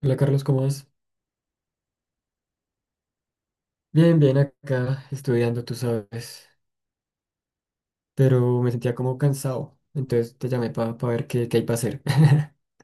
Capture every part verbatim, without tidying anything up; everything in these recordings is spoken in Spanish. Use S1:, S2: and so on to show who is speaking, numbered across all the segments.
S1: Hola Carlos, ¿cómo vas? Bien, bien acá estudiando, tú sabes, pero me sentía como cansado, entonces te llamé para ver qué, qué hay para hacer.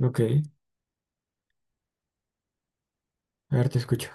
S1: Ok, a ver, te escucho.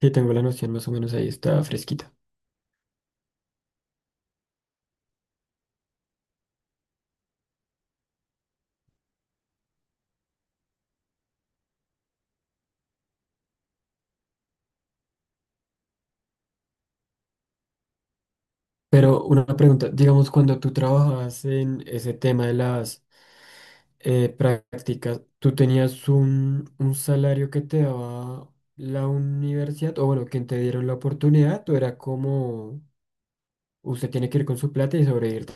S1: Sí, tengo la noción más o menos ahí, está fresquita. Pero una pregunta, digamos, cuando tú trabajabas en ese tema de las eh, prácticas, ¿tú tenías un, un salario que te daba la universidad? O bueno, quien te dieron la oportunidad, o era como usted tiene que ir con su plata y sobrevivir.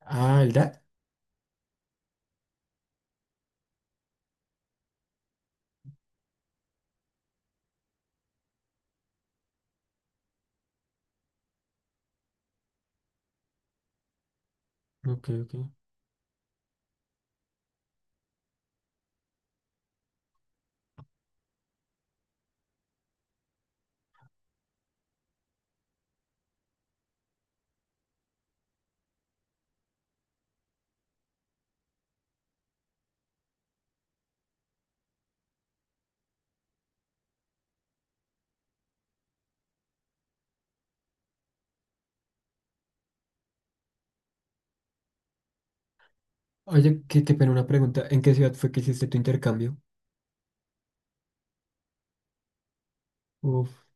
S1: Ah, el D A T. Ok, ok. Oye, que te pena una pregunta. ¿En qué ciudad fue que hiciste tu intercambio? Uf.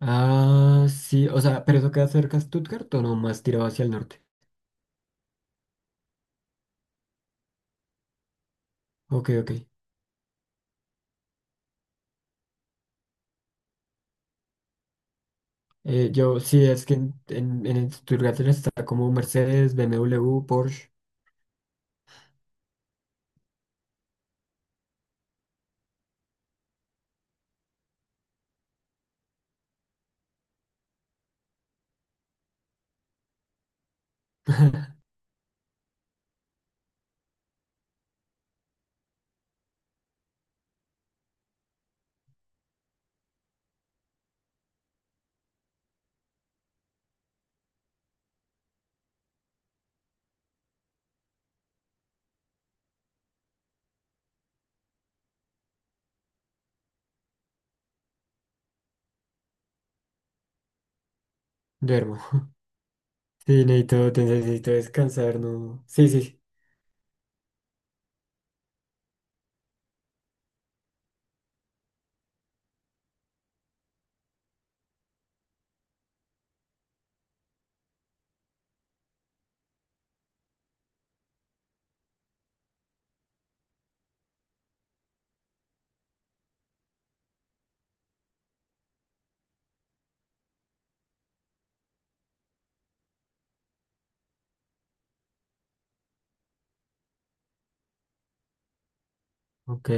S1: Ah, sí, o sea, ¿pero eso queda cerca de Stuttgart o no más tirado hacia el norte? Ok, ok. Eh, yo, sí, es que en, en, en Stuttgart está como Mercedes, B M W, Porsche. Duermo. Sí, necesito, te- necesito descansar, ¿no? Sí, sí, sí. Ok,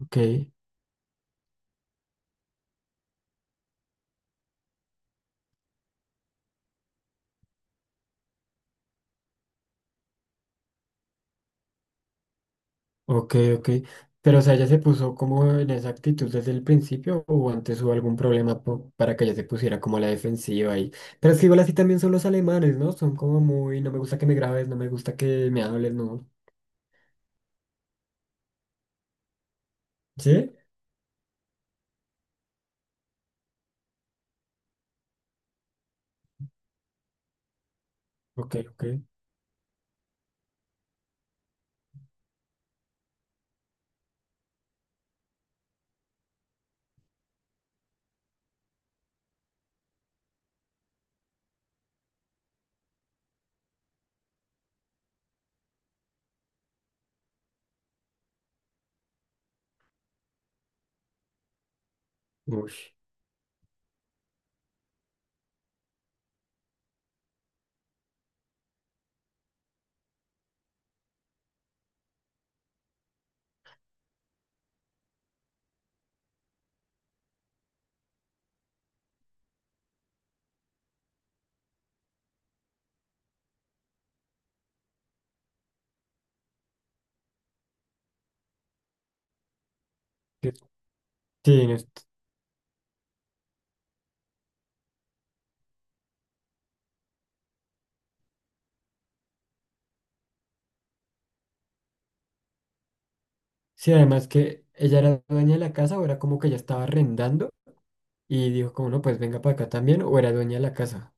S1: ok, ok, ok. Pero, o sea, ¿ella se puso como en esa actitud desde el principio o antes hubo algún problema po- para que ella se pusiera como a la defensiva ahí? Pero es que igual así también son los alemanes, ¿no? Son como muy, no me gusta que me grabes, no me gusta que me hables, ¿no? ¿Sí? Ok, ok. Uy. Sí, sí, además que ella era dueña de la casa o era como que ella estaba arrendando y dijo como no, pues venga para acá también o era dueña de la casa.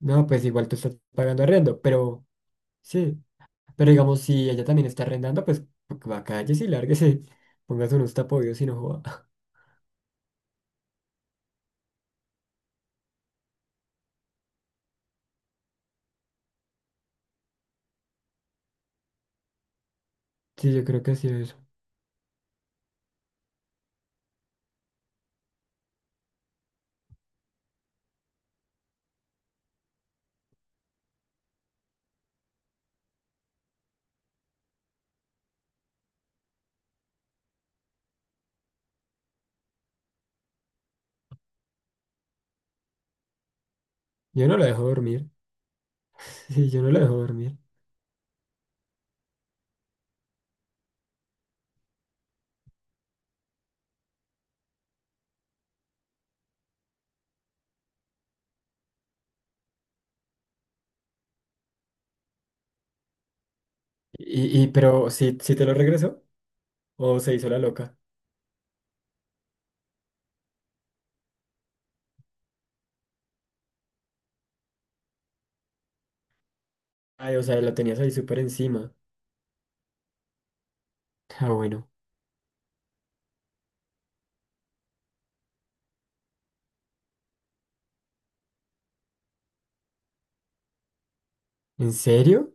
S1: No, pues igual tú estás pagando arriendo, pero sí, pero digamos si ella también está arrendando, pues va cállese y lárguese, póngase unos tapoyos y no joda. Sí, yo creo que así es. Yo no la dejo dormir. Sí, yo no la dejo dormir. Y, y pero si si te lo regresó o se hizo la loca. Ay, o sea, la tenías ahí súper encima. Ah, bueno. ¿En serio?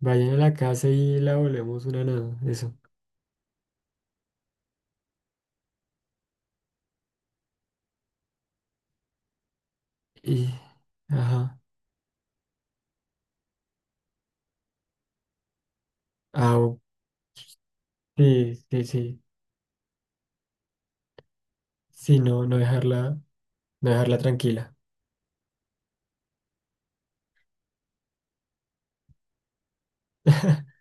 S1: Vayan a la casa y la volvemos una nada. Eso. Y, ajá. Ah, o-, sí, sí, sí. Sí, no, no dejarla, no dejarla tranquila.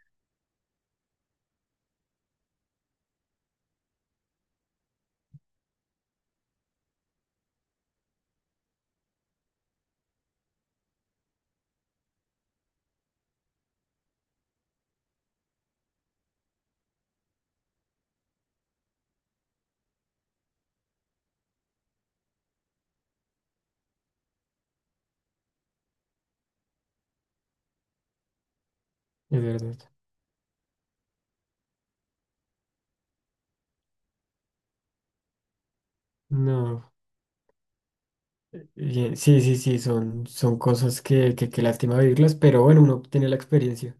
S1: Es verdad. No, bien. Sí, sí, sí, son, son cosas que, que, que lástima vivirlas, pero bueno, uno tiene la experiencia.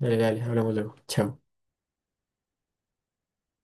S1: Dale, dale, hablamos luego. Chao.